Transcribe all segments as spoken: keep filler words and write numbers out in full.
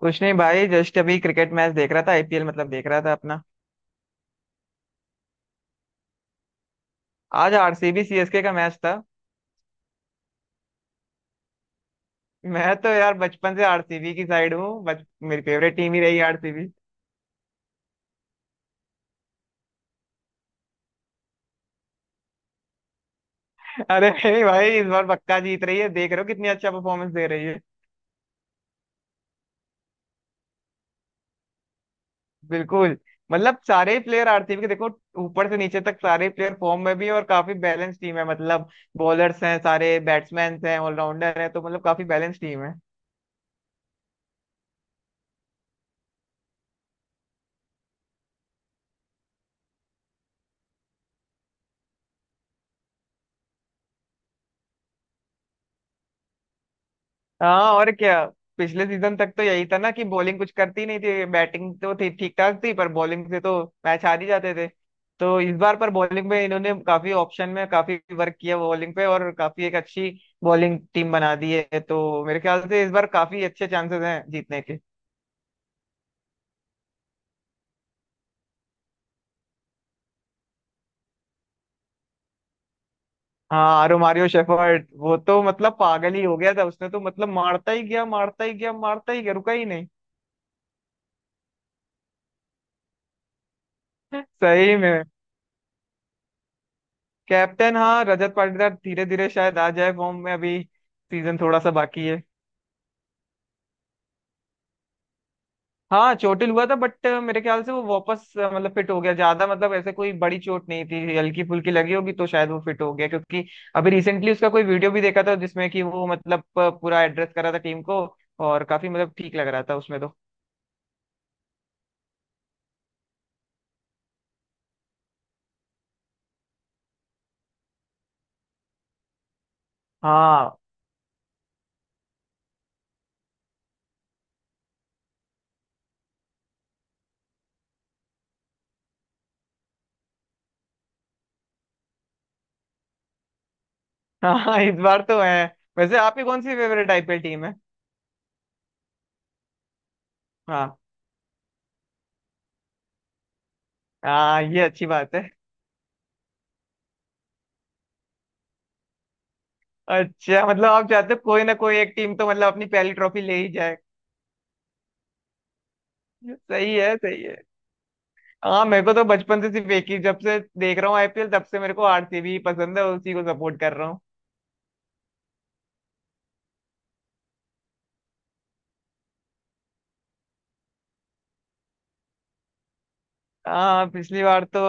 कुछ नहीं भाई, जस्ट अभी क्रिकेट मैच देख रहा था। आईपीएल मतलब देख रहा था अपना। आज आरसीबी सीएसके का मैच था। मैं तो यार बचपन से आरसीबी की साइड हूँ। बच मेरी फेवरेट टीम ही रही आरसीबी। अरे नहीं भाई, इस बार पक्का जीत रही है, देख रहे हो कितनी अच्छा परफॉर्मेंस दे रही है। बिल्कुल। मतलब सारे प्लेयर आरसीबी के देखो, ऊपर से नीचे तक सारे प्लेयर फॉर्म में भी हैं और काफी बैलेंस टीम है। मतलब बॉलर्स हैं, सारे बैट्समैन हैं, ऑलराउंडर हैं, तो मतलब काफी बैलेंस टीम है। हाँ, और क्या। पिछले सीजन तक तो यही था ना कि बॉलिंग कुछ करती नहीं थी, बैटिंग तो थी ठीक ठाक थी, पर बॉलिंग से तो मैच हार ही जाते थे। तो इस बार पर बॉलिंग में इन्होंने काफी ऑप्शन में काफी वर्क किया बॉलिंग पे, और काफी एक अच्छी बॉलिंग टीम बना दी है, तो मेरे ख्याल से इस बार काफी अच्छे चांसेस हैं जीतने के। हाँ, रोमारियो शेफर्ड, वो तो मतलब पागल ही हो गया था। उसने तो मतलब मारता ही गया, मारता ही गया, मारता ही गया, रुका ही नहीं। सही में। कैप्टन, हाँ रजत पाटीदार, धीरे धीरे शायद आ जाए फॉर्म में। अभी सीजन थोड़ा सा बाकी है। हाँ चोटिल हुआ था, बट मेरे ख्याल से वो वापस अ, मतलब फिट हो गया ज्यादा। मतलब ऐसे कोई बड़ी चोट नहीं थी, हल्की फुल्की लगी होगी, तो शायद वो फिट हो गया, क्योंकि अभी रिसेंटली उसका कोई वीडियो भी देखा था, जिसमें कि वो मतलब अ, पूरा एड्रेस करा था टीम को, और काफी मतलब ठीक लग रहा था उसमें तो। हाँ। हाँ इस बार तो है। वैसे आपकी कौन सी फेवरेट आईपीएल टीम है? हाँ, हाँ, ये अच्छी बात है। अच्छा, मतलब आप चाहते हो कोई ना कोई एक टीम तो मतलब अपनी पहली ट्रॉफी ले ही जाए। सही है, सही है। हाँ मेरे को तो बचपन से सिर्फ एक ही, जब से देख रहा हूँ आईपीएल तब से मेरे को आरसीबी पसंद है, उसी को सपोर्ट कर रहा हूँ। हाँ पिछली बार तो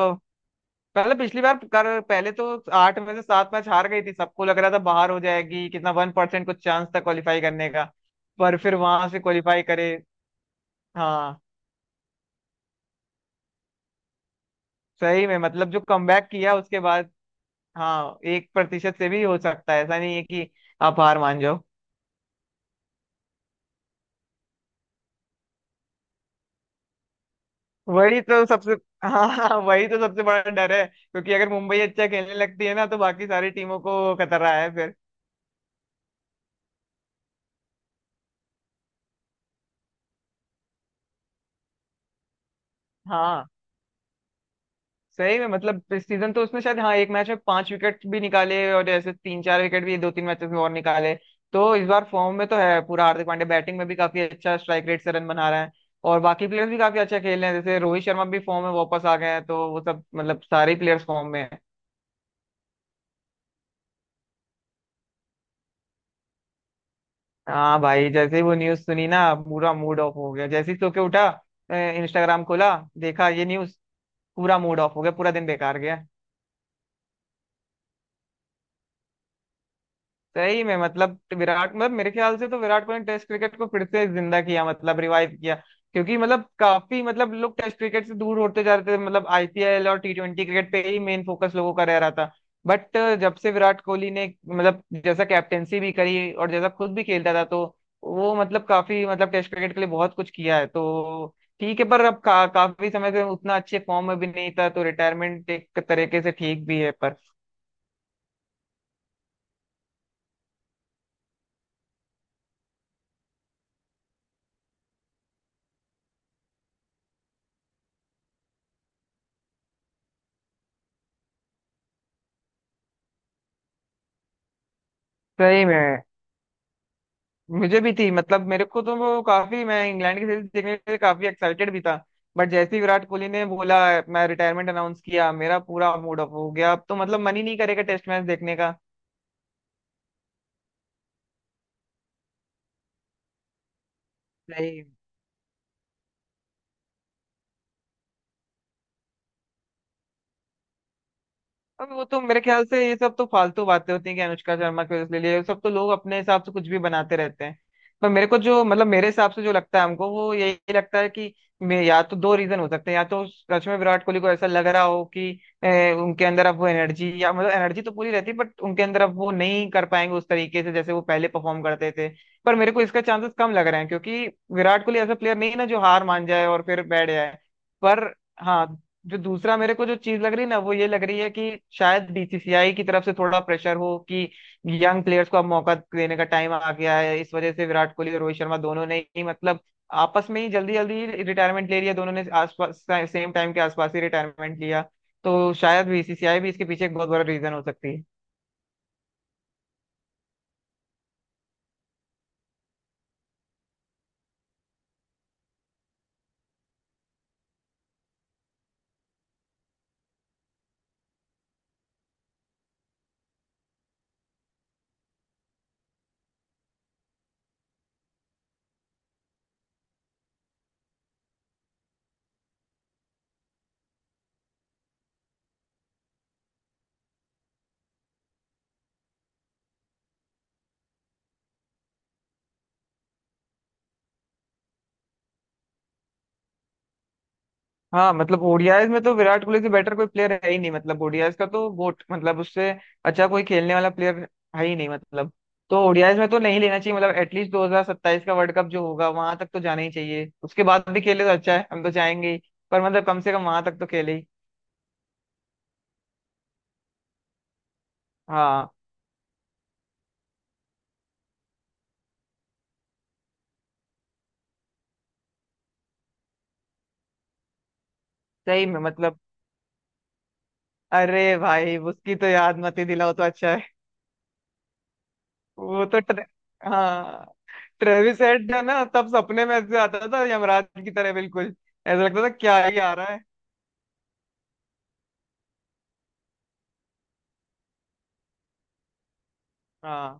पहले, पिछली बार कर पहले तो आठ में से सात मैच हार गई थी, सबको लग रहा था बाहर हो जाएगी, कितना वन परसेंट कुछ चांस था क्वालिफाई करने का। पर फिर वहां से क्वालिफाई करे। हाँ। सही में मतलब जो कमबैक किया उसके बाद। हाँ, एक प्रतिशत से भी हो सकता है, ऐसा नहीं है कि आप हार मान जाओ। वही तो सबसे, हाँ हाँ, वही तो सबसे बड़ा डर है, क्योंकि अगर मुंबई अच्छा खेलने लगती है ना, तो बाकी सारी टीमों को खतरा है फिर। हाँ। सही में मतलब इस सीजन तो उसने शायद, हाँ, एक मैच में पांच विकेट भी निकाले, और ऐसे तीन चार विकेट भी दो तीन मैचेस में और निकाले। तो इस बार फॉर्म में तो है पूरा हार्दिक पांड्या। बैटिंग में भी काफी अच्छा स्ट्राइक रेट से रन बना रहा है। और बाकी प्लेयर्स भी काफी अच्छा खेल रहे हैं, जैसे रोहित शर्मा भी फॉर्म में वापस आ गए हैं, तो वो सब मतलब सारे प्लेयर्स फॉर्म में है। हाँ भाई, जैसे ही वो न्यूज सुनी ना, पूरा मूड ऑफ हो गया। जैसे ही सो के उठा, इंस्टाग्राम खोला, देखा ये न्यूज, पूरा मूड ऑफ हो गया, पूरा दिन बेकार गया। सही में मतलब विराट, मतलब मेरे ख्याल से तो विराट कोहली ने टेस्ट क्रिकेट को फिर से जिंदा किया, मतलब रिवाइव किया, क्योंकि मतलब काफी मतलब लोग टेस्ट क्रिकेट से दूर होते जा रहे थे। मतलब आईपीएल और टी ट्वेंटी क्रिकेट पे ही मेन फोकस लोगों का रह रहा था। बट जब से विराट कोहली ने मतलब जैसा कैप्टेंसी भी करी और जैसा खुद भी खेलता था, तो वो मतलब काफी मतलब टेस्ट क्रिकेट के लिए बहुत कुछ किया है, तो ठीक है। पर अब का, काफी समय से उतना अच्छे फॉर्म में भी नहीं था, तो रिटायरमेंट एक तरीके से ठीक भी है। पर सही में, मुझे भी थी। मतलब मेरे को तो वो काफी, मैं इंग्लैंड की सीरीज देखने के लिए काफी एक्साइटेड भी था, बट जैसे ही विराट कोहली ने बोला, मैं रिटायरमेंट अनाउंस किया, मेरा पूरा मूड ऑफ हो गया। अब तो मतलब मन ही नहीं करेगा टेस्ट मैच देखने का। सही। अब वो तो मेरे ख्याल से ये सब तो फालतू बातें होती हैं कि अनुष्का शर्मा के, उसके लिए ये सब तो लोग अपने हिसाब से कुछ भी बनाते रहते हैं। पर मेरे को जो मतलब मेरे हिसाब से जो लगता है, हमको वो यही लगता है कि मे- या तो दो रीजन हो सकते हैं। या तो सच में विराट कोहली को ऐसा लग रहा हो कि ए, उनके अंदर अब वो एनर्जी, या मतलब एनर्जी तो पूरी रहती है, बट उनके अंदर अब वो नहीं कर पाएंगे उस तरीके से जैसे वो पहले परफॉर्म करते थे। पर मेरे को इसका चांसेस कम लग रहे हैं, क्योंकि विराट कोहली ऐसा प्लेयर नहीं है ना, जो हार मान जाए और फिर बैठ जाए। पर हाँ, जो दूसरा मेरे को जो चीज लग रही है ना, वो ये लग रही है कि शायद बीसीसीआई की तरफ से थोड़ा प्रेशर हो कि यंग प्लेयर्स को अब मौका देने का टाइम आ गया है। इस वजह से विराट कोहली और रोहित शर्मा दोनों ने ही, मतलब आपस में ही जल्दी जल्दी रिटायरमेंट ले लिया दोनों ने, आसपास सेम टाइम के आसपास ही रिटायरमेंट लिया। तो शायद बीसीसीआई भी इसके पीछे एक बहुत बड़ा रीजन हो सकती है। हाँ मतलब ओडीआईज में तो विराट कोहली से बेटर कोई प्लेयर है ही नहीं। मतलब ओडीआईज का तो गोट, मतलब उससे अच्छा कोई खेलने वाला प्लेयर है ही नहीं मतलब। तो ओडीआईज में तो नहीं लेना चाहिए। मतलब एटलीस्ट दो हज़ार सत्ताईस का वर्ल्ड कप जो होगा वहां तक तो जाना ही चाहिए। उसके बाद भी खेले तो अच्छा है, हम तो चाहेंगे ही, पर मतलब कम से कम वहां तक तो खेले ही। हाँ सही में मतलब। अरे भाई उसकी तो याद मत ही दिलाओ तो अच्छा है। वो तो ट्रे... हाँ। ट्रेविस हेड है ना, तब सपने में ऐसे आता था यमराज की तरह बिल्कुल। ऐसा लगता था क्या ही आ रहा है। हाँ।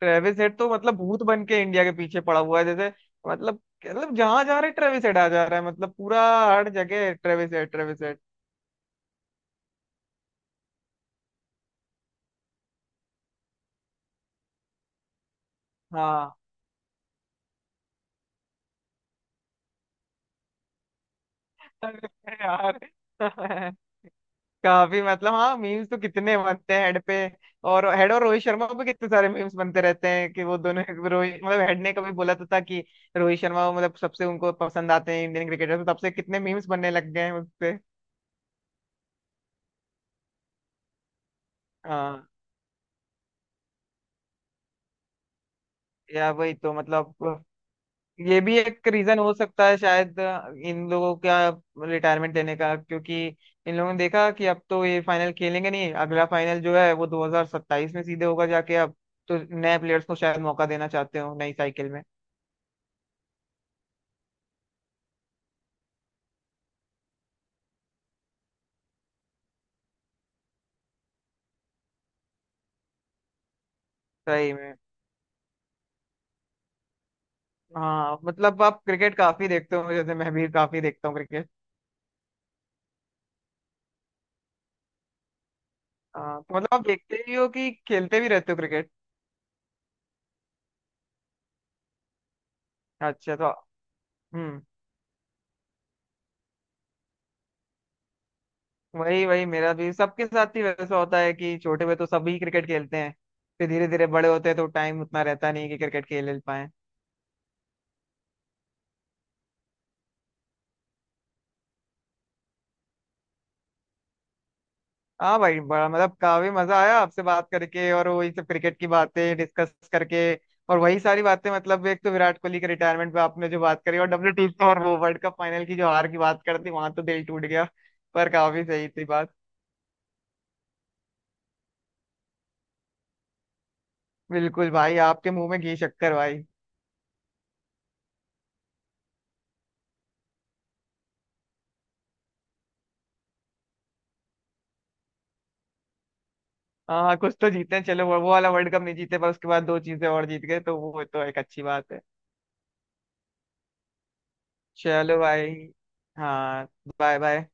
ट्रेविस हेड तो मतलब भूत बन के इंडिया के पीछे पड़ा हुआ है जैसे, मतलब, मतलब जहां जा रहे ट्रेविस हेड आ जा रहा है। मतलब पूरा हर जगह ट्रेविस हेड, ट्रेविस हेड। हाँ। अरे यार। काफी मतलब, हाँ मीम्स तो कितने बनते हैं हेड पे। और हेड और रोहित शर्मा पे कितने सारे मीम्स बनते रहते हैं कि वो दोनों। रोहित, मतलब हेड ने कभी बोला तो था कि रोहित शर्मा मतलब सबसे उनको पसंद आते हैं इंडियन क्रिकेटर, तो तब से कितने मीम्स बनने लग गए हैं उससे। हाँ या वही तो मतलब। ये भी एक रीजन हो सकता है शायद अ, इन लोगों का रिटायरमेंट लेने का। क्योंकि इन लोगों ने देखा कि अब तो ये फाइनल खेलेंगे नहीं, अगला फाइनल जो है वो दो हज़ार सत्ताईस में सीधे होगा जाके अब, तो नए प्लेयर्स को शायद मौका देना चाहते हो नई साइकिल में। सही में। हाँ मतलब आप क्रिकेट काफी देखते हो, जैसे मैं भी काफी देखता हूँ क्रिकेट। हाँ तो मतलब आप देखते भी हो कि खेलते भी रहते हो क्रिकेट? अच्छा, तो। हम्म। वही वही मेरा भी सबके साथ ही वैसा होता है कि छोटे में तो सभी क्रिकेट खेलते हैं, फिर धीरे धीरे बड़े होते हैं तो टाइम उतना रहता नहीं कि क्रिकेट खेल पाए। हाँ भाई, बड़ा मतलब काफी मजा आया आपसे बात करके, और वही सब क्रिकेट की बातें डिस्कस करके, और वही सारी बातें मतलब एक तो विराट कोहली के रिटायरमेंट पे आपने जो बात करी, और डब्ल्यू टी और वो वर्ल्ड कप फाइनल की जो हार की बात करती, वहां तो दिल टूट गया। पर काफी सही थी बात। बिल्कुल भाई, आपके मुंह में घी शक्कर भाई। हाँ, हाँ, कुछ तो जीते हैं, चलो वो वो वाला वर्ल्ड कप नहीं जीते पर उसके बाद दो चीजें और जीत गए, तो वो तो एक अच्छी बात है। चलो भाई। हाँ। Bye bye.